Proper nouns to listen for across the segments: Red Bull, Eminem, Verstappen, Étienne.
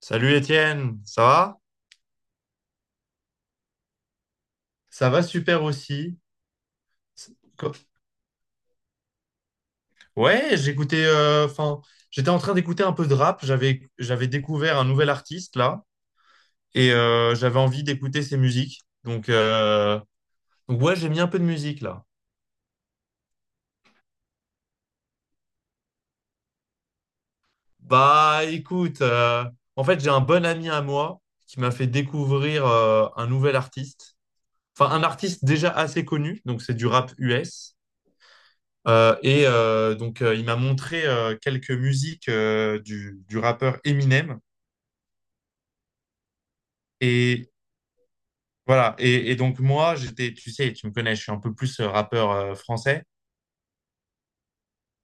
Salut Étienne, ça va? Ça va super aussi. C'est- co- Ouais, j'écoutais, enfin, j'étais en train d'écouter un peu de rap. J'avais découvert un nouvel artiste là, et j'avais envie d'écouter ses musiques. Donc ouais, j'ai mis un peu de musique là. Bah, écoute, en fait, j'ai un bon ami à moi qui m'a fait découvrir un nouvel artiste. Enfin, un artiste déjà assez connu. Donc, c'est du rap US. Et donc, il m'a montré quelques musiques du rappeur Eminem. Et voilà. Et donc, moi, j'étais, tu sais, tu me connais, je suis un peu plus rappeur français.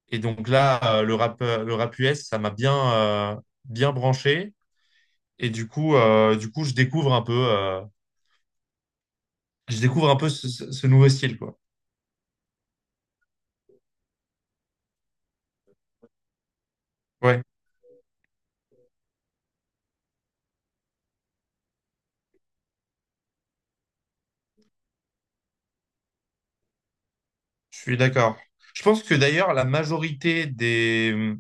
Et donc là, le rap US, ça m'a bien, bien branché. Et du coup, je découvre un peu, je découvre un peu ce nouveau style, quoi. Ouais. Je suis d'accord. Je pense que d'ailleurs, la majorité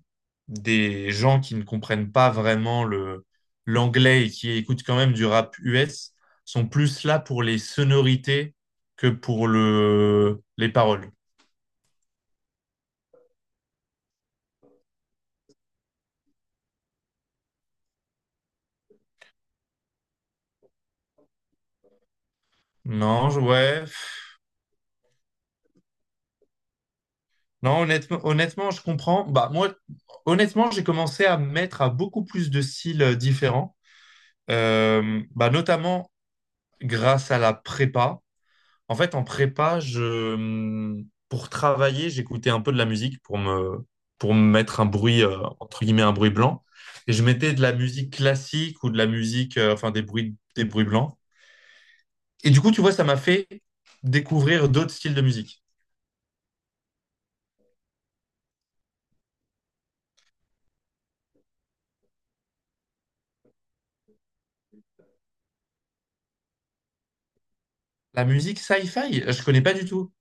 des gens qui ne comprennent pas vraiment l'anglais et qui écoutent quand même du rap US sont plus là pour les sonorités que pour les paroles. Ouais. pff. Non, honnêtement, honnêtement, je comprends. Bah, moi, honnêtement, j'ai commencé à me mettre à beaucoup plus de styles différents. Bah, notamment grâce à la prépa. En fait, en prépa, pour travailler, j'écoutais un peu de la musique pour pour me mettre un bruit, entre guillemets, un bruit blanc. Et je mettais de la musique classique ou de la musique, enfin, des bruits blancs. Et du coup, tu vois, ça m'a fait découvrir d'autres styles de musique. La musique sci-fi, je connais pas du tout.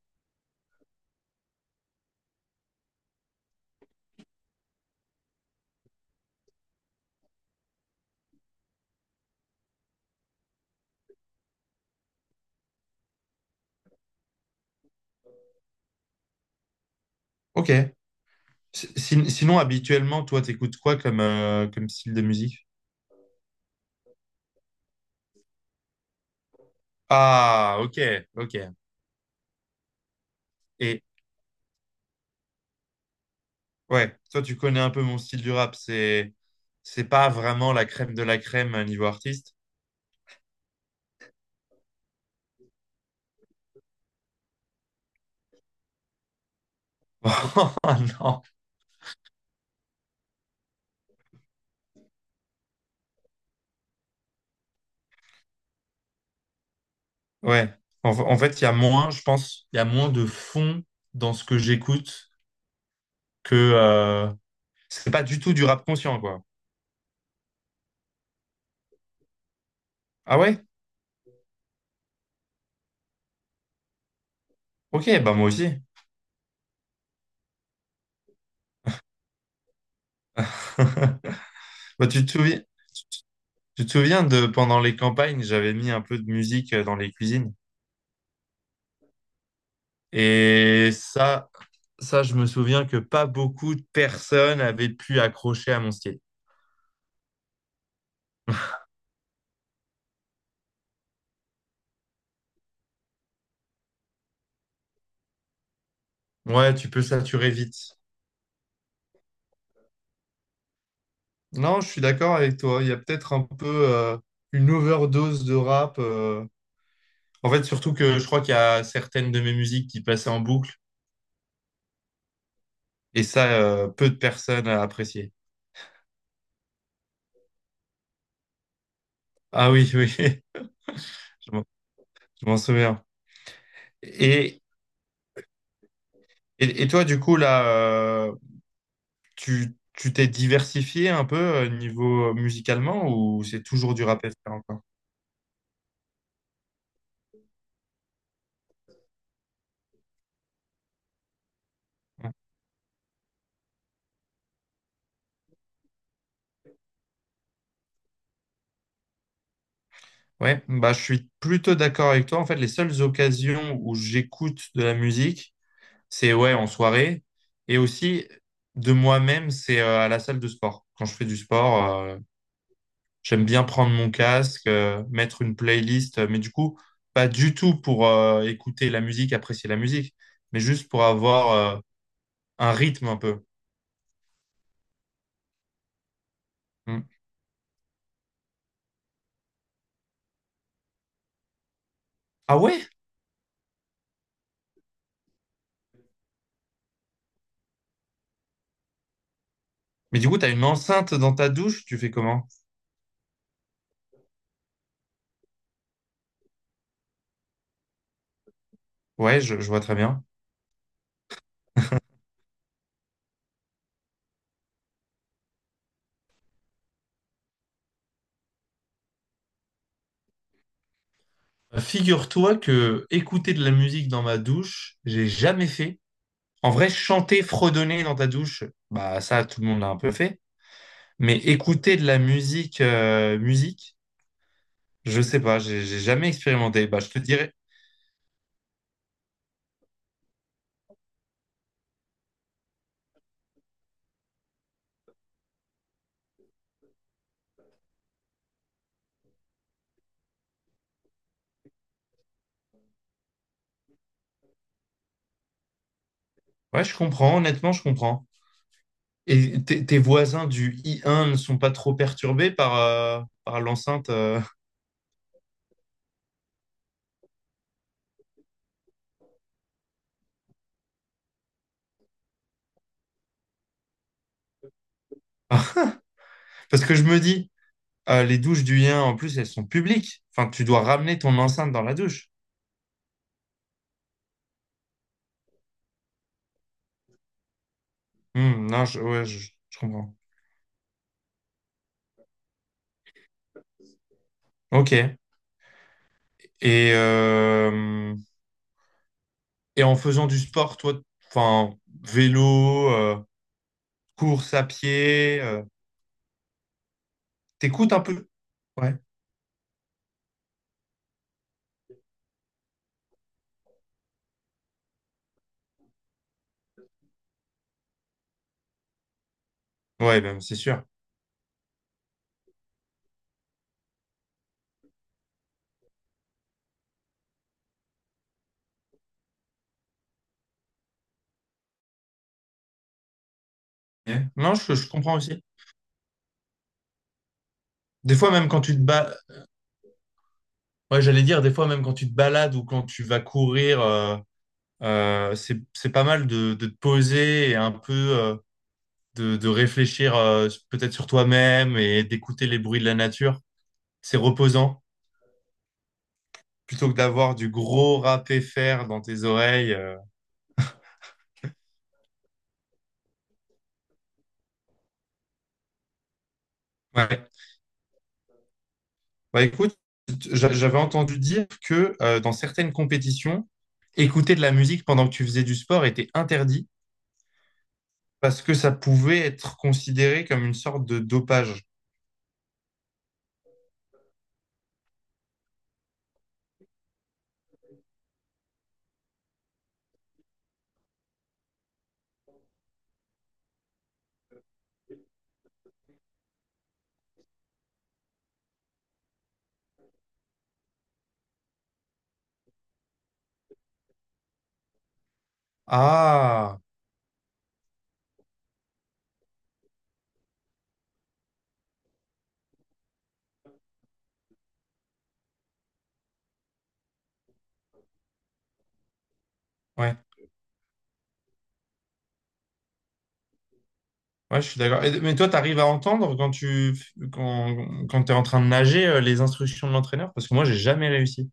Ok. Sinon, habituellement, toi, t'écoutes quoi comme, comme style de musique? Ah, ok, ok. Et ouais, toi, tu connais un peu mon style du rap. C'est pas vraiment la crème de la crème niveau artiste. Oh, non. Ouais. En fait, il y a moins, je pense, il y a moins de fond dans ce que j'écoute que c'est pas du tout du rap conscient, quoi. Ah ouais? Ok, bah moi aussi. Bah, tu te souviens de pendant les campagnes, j'avais mis un peu de musique dans les cuisines. Et ça, Ça, je me souviens que pas beaucoup de personnes avaient pu accrocher à mon style. Ouais, tu peux saturer vite. Non, je suis d'accord avec toi. Il y a peut-être un peu une overdose de rap. En fait, surtout que je crois qu'il y a certaines de mes musiques qui passaient en boucle et ça, peu de personnes appréciaient. Ah oui, oui, je m'en je m'en souviens. Et, et toi, du coup, là, tu t'es diversifié un peu niveau musicalement ou c'est toujours du rap FR encore? Ouais, bah, je suis plutôt d'accord avec toi. En fait, les seules occasions où j'écoute de la musique, c'est ouais, en soirée. Et aussi, de moi-même, c'est à la salle de sport. Quand je fais du sport, j'aime bien prendre mon casque, mettre une playlist. Mais du coup, pas du tout pour écouter la musique, apprécier la musique, mais juste pour avoir euh, un rythme un peu. Mm. Ah ouais? Mais du coup, t'as une enceinte dans ta douche, tu fais comment? Ouais, je vois très bien. Figure-toi que écouter de la musique dans ma douche, j'ai jamais fait. En vrai, chanter, fredonner dans ta douche, bah ça, tout le monde l'a un peu fait. Mais écouter de la musique, musique, je sais pas, j'ai jamais expérimenté. Bah, je te dirais, ouais, je comprends, honnêtement, je comprends. Et tes voisins du I1 ne sont pas trop perturbés par, par l'enceinte. Parce que je me dis, les douches du I1, en plus, elles sont publiques. Enfin, tu dois ramener ton enceinte dans la douche. Hmm, non, je, ouais, je comprends. Ok. Et, euh, et en faisant du sport, toi, enfin, vélo, course à pied, t'écoutes un peu? Ouais. Ouais, ben, c'est sûr. Ouais. Non, je comprends aussi. Des fois, même quand tu te ba- Ouais, j'allais dire, des fois, même quand tu te balades ou quand tu vas courir, c'est pas mal de te poser et un peu de réfléchir peut-être sur toi-même et d'écouter les bruits de la nature. C'est reposant. Plutôt que d'avoir du gros râpé fer dans tes oreilles. Ouais. Bah, écoute, j'avais entendu dire que dans certaines compétitions, écouter de la musique pendant que tu faisais du sport était interdit parce que ça pouvait être considéré comme une sorte de dopage. Ah, ouais, ouais, je suis d'accord. Et- Mais toi, tu arrives à entendre quand, quand tu es en train de nager les instructions de l'entraîneur? Parce que moi, j'ai jamais réussi.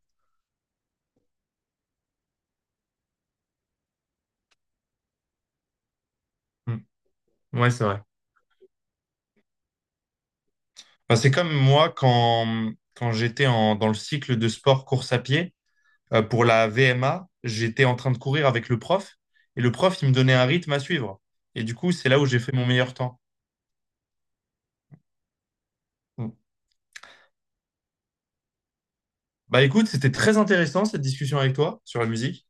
Hmm. Ouais, c'est vrai. Bah, c'est comme moi quand, quand j'étais en, dans le cycle de sport course à pied. Pour la VMA, j'étais en train de courir avec le prof et le prof, il me donnait un rythme à suivre. Et du coup, c'est là où j'ai fait mon meilleur temps. Donc, bah écoute, c'était très intéressant cette discussion avec toi sur la musique.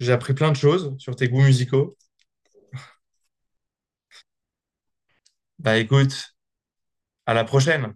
J'ai appris plein de choses sur tes goûts musicaux. Bah écoute, à la prochaine.